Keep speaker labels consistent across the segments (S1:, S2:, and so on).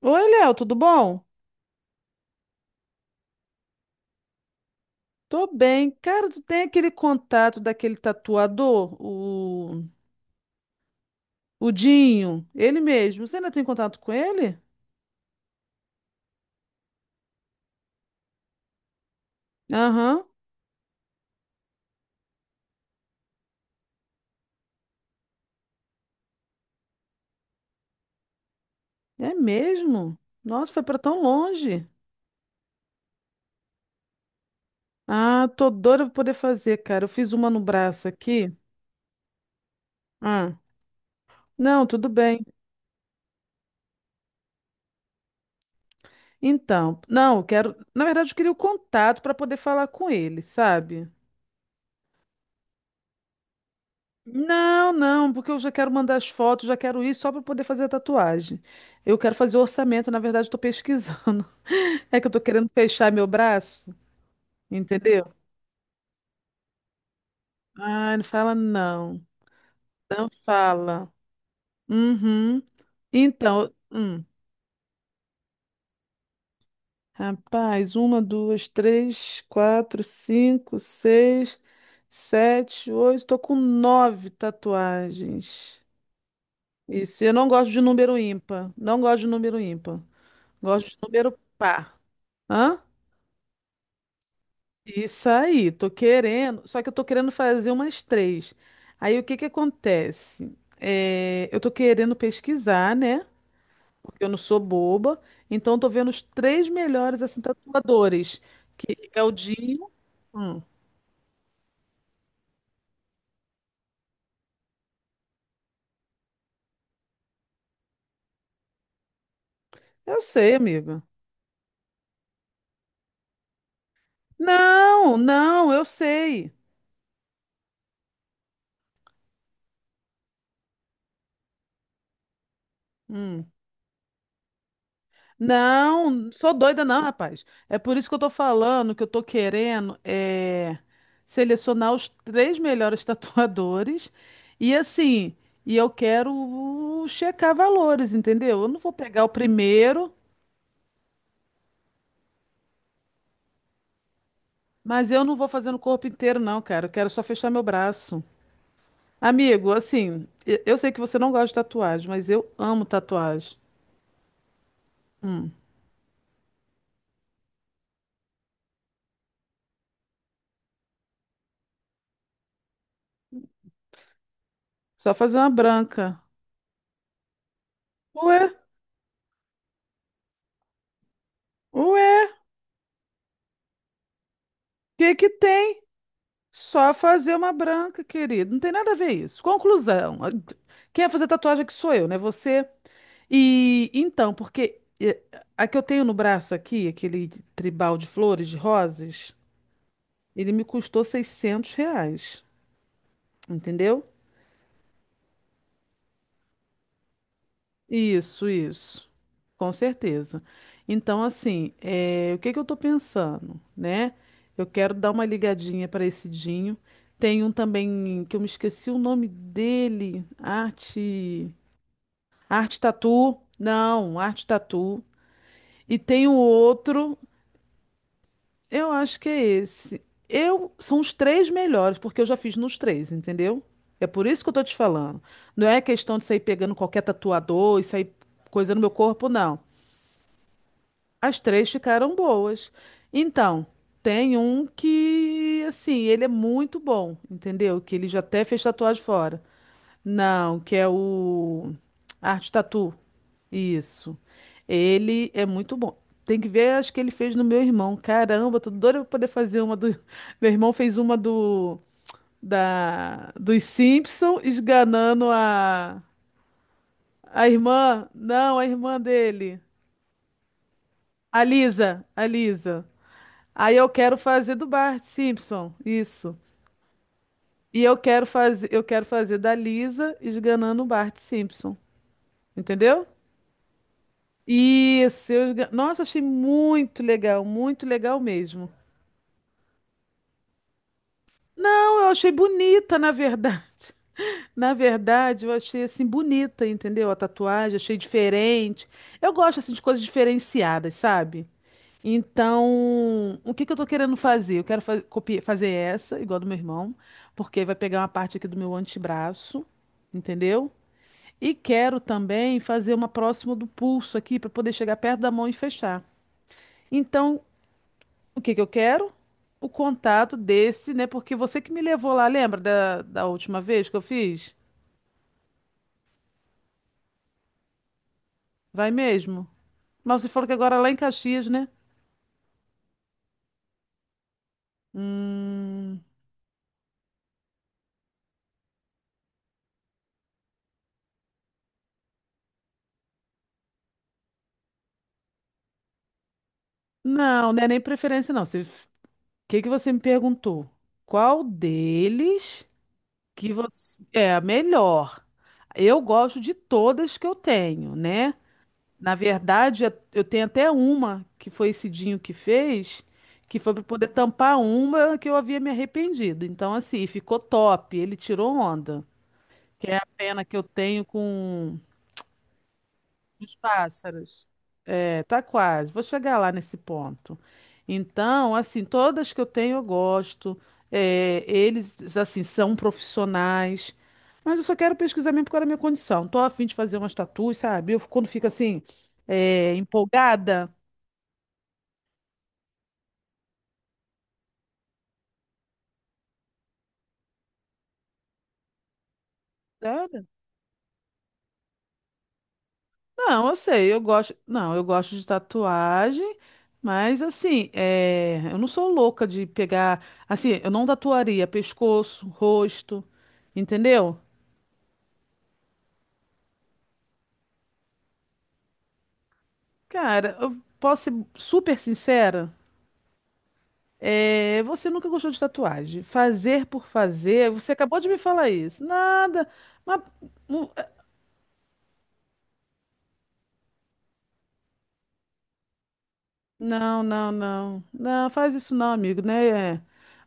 S1: Oi, Léo, tudo bom? Tô bem. Cara, tu tem aquele contato daquele tatuador, o Dinho, ele mesmo. Você ainda tem contato com ele? Aham, é mesmo? Nossa, foi pra tão longe. Ah, tô doida pra poder fazer, cara. Eu fiz uma no braço aqui. Ah, não, tudo bem. Então, não, eu quero. Na verdade, eu queria o contato pra poder falar com ele, sabe? Não, não, porque eu já quero mandar as fotos, já quero ir só para poder fazer a tatuagem. Eu quero fazer o orçamento, na verdade, estou pesquisando. É que eu estou querendo fechar meu braço, entendeu? Ah, não fala não. Não fala. Uhum. Então. Rapaz, uma, duas, três, quatro, cinco, seis, sete, oito. Tô com nove tatuagens. Isso, eu não gosto de número ímpar. Não gosto de número ímpar. Gosto de número par. Hã? Isso aí, tô querendo. Só que eu tô querendo fazer umas três. Aí o que que acontece? É, eu tô querendo pesquisar, né? Porque eu não sou boba. Então eu tô vendo os três melhores assim tatuadores, que é o Dinho. Hum, eu sei, amiga. Não, não, eu sei. Hum. Não, sou doida não, rapaz. É por isso que eu tô falando que eu tô querendo é, selecionar os três melhores tatuadores e assim, e eu quero checar valores, entendeu? Eu não vou pegar o primeiro, mas eu não vou fazer no corpo inteiro não, cara. Eu quero só fechar meu braço. Amigo, assim, eu sei que você não gosta de tatuagem, mas eu amo tatuagem. Hum, só fazer uma branca. Ué, ué, o que que tem? Só fazer uma branca, querido. Não tem nada a ver isso. Conclusão. Quem vai fazer tatuagem aqui sou eu, né? Você. E então, porque a que eu tenho no braço aqui, aquele tribal de flores, de rosas, ele me custou R$ 600. Entendeu? Isso, isso. Com certeza. Então, assim, o que que eu tô pensando, né? Eu quero dar uma ligadinha para esse Dinho. Tem um também que eu me esqueci o nome dele. Arte. Arte Tatu? Não, Arte Tatu. E tem o outro, eu acho que é esse. Eu são os três melhores, porque eu já fiz nos três, entendeu? É por isso que eu tô te falando. Não é questão de sair pegando qualquer tatuador e sair coisa no meu corpo, não. As três ficaram boas. Então, tem um que, assim, ele é muito bom, entendeu? Que ele já até fez tatuagem fora. Não, que é o Arte Tatu. Isso. Ele é muito bom. Tem que ver, acho que ele fez no meu irmão. Caramba, tô doida pra poder fazer uma do. Meu irmão fez uma do da dos Simpson esganando a irmã, não, a irmã dele, a Lisa, a Lisa. Aí eu quero fazer do Bart Simpson, isso. E eu quero fazer da Lisa esganando o Bart Simpson, entendeu? Isso, nossa, achei muito legal mesmo. Não, eu achei bonita, na verdade. Na verdade, eu achei assim bonita, entendeu? A tatuagem, achei diferente. Eu gosto assim de coisas diferenciadas, sabe? Então, o que que eu tô querendo fazer? Eu quero fazer essa, igual a do meu irmão, porque vai pegar uma parte aqui do meu antebraço, entendeu? E quero também fazer uma próxima do pulso aqui para poder chegar perto da mão e fechar. Então, o que que eu quero? O contato desse, né? Porque você que me levou lá, lembra da última vez que eu fiz? Vai mesmo? Mas você falou que agora é lá em Caxias, né? Hum, não, não é nem preferência, não. O que que você me perguntou? Qual deles que você é a melhor? Eu gosto de todas que eu tenho, né? Na verdade, eu tenho até uma que foi esse Dinho que fez, que foi para poder tampar uma que eu havia me arrependido. Então, assim, ficou top. Ele tirou onda, que é a pena que eu tenho com os pássaros. É, tá quase. Vou chegar lá nesse ponto. Então, assim, todas que eu tenho eu gosto. É, eles, assim, são profissionais. Mas eu só quero pesquisar mesmo porque era a minha condição. Tô a fim de fazer umas tatuas, sabe? Eu, quando fico assim, empolgada. Sério? Não, eu sei, eu gosto. Não, eu gosto de tatuagem, mas assim, eu não sou louca de pegar. Assim, eu não tatuaria pescoço, rosto, entendeu? Cara, eu posso ser super sincera. Você nunca gostou de tatuagem. Fazer por fazer, você acabou de me falar isso. Nada. Mas Não, não, não. Não, faz isso não, amigo, né?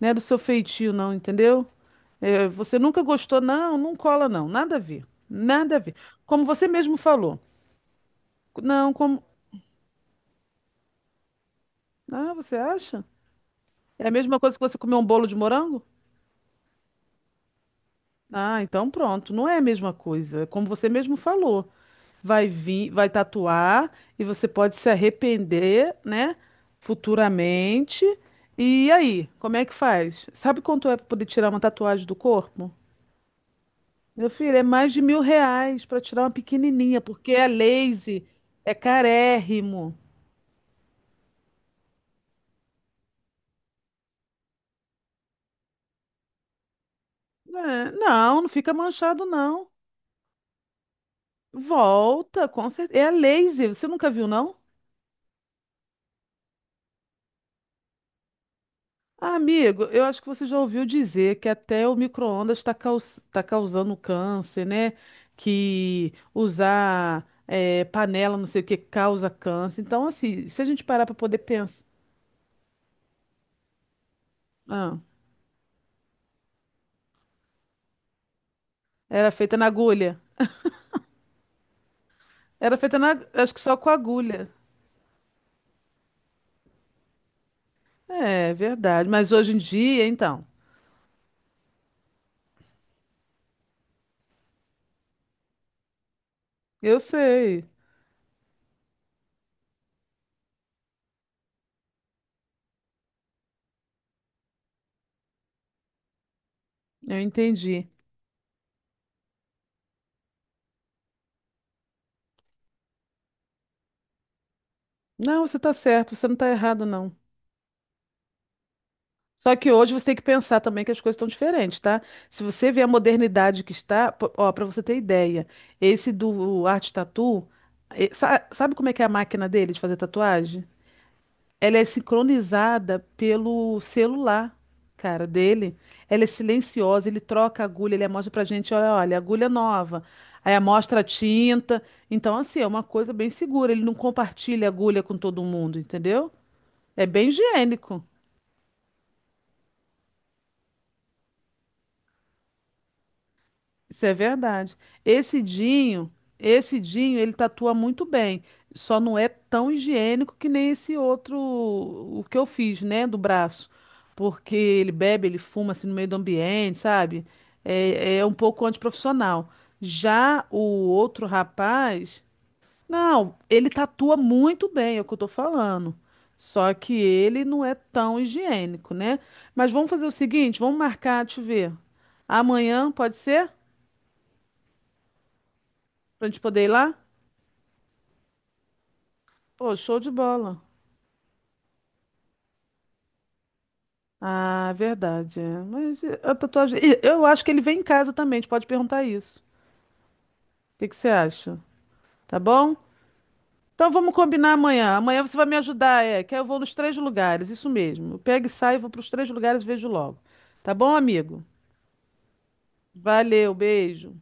S1: Não é do seu feitio, não, entendeu? É, você nunca gostou, não, não cola, não. Nada a ver. Nada a ver. Como você mesmo falou. Não, como. Ah, você acha? É a mesma coisa que você comer um bolo de morango? Ah, então pronto, não é a mesma coisa. Como você mesmo falou, vai vir, vai tatuar e você pode se arrepender, né, futuramente. E aí, como é que faz? Sabe quanto é para poder tirar uma tatuagem do corpo? Meu filho, é mais de R$ 1.000 para tirar uma pequenininha, porque é laser, é carérrimo. É, não, não fica manchado, não. Volta, com certeza. É a laser, você nunca viu, não? Amigo, eu acho que você já ouviu dizer que até o micro-ondas está causando câncer, né? Que usar panela, não sei o que, causa câncer. Então, assim, se a gente parar para poder pensar. Ah, era feita na agulha. Era feita na. Acho que só com agulha. É, verdade. Mas hoje em dia, então. Eu sei. Eu entendi. Não, você tá certo, você não tá errado, não. Só que hoje você tem que pensar também que as coisas estão diferentes, tá? Se você vê a modernidade que está, pô, ó, para você ter ideia, esse do Art Tattoo, sabe como é que é a máquina dele de fazer tatuagem? Ela é sincronizada pelo celular, cara, dele. Ela é silenciosa, ele troca a agulha, ele mostra pra gente, olha, olha, agulha nova. Aí amostra a tinta. Então, assim, é uma coisa bem segura. Ele não compartilha agulha com todo mundo, entendeu? É bem higiênico. Isso é verdade. Esse Dinho, esse Dinho, ele tatua muito bem. Só não é tão higiênico que nem esse outro, o que eu fiz, né, do braço. Porque ele bebe, ele fuma assim no meio do ambiente, sabe? É um pouco antiprofissional. Já o outro rapaz, não, ele tatua muito bem, é o que eu tô falando. Só que ele não é tão higiênico, né? Mas vamos fazer o seguinte, vamos marcar, deixa eu ver. Amanhã, pode ser? Pra gente poder ir lá? Pô, show de bola. Ah, é verdade. É. Mas a tatuagem. E eu acho que ele vem em casa também. A gente pode perguntar isso. O que que você acha? Tá bom? Então vamos combinar amanhã. Amanhã você vai me ajudar, é. Que aí eu vou nos três lugares. Isso mesmo. Eu pego e saio, vou para os três lugares e vejo logo. Tá bom, amigo? Valeu, beijo.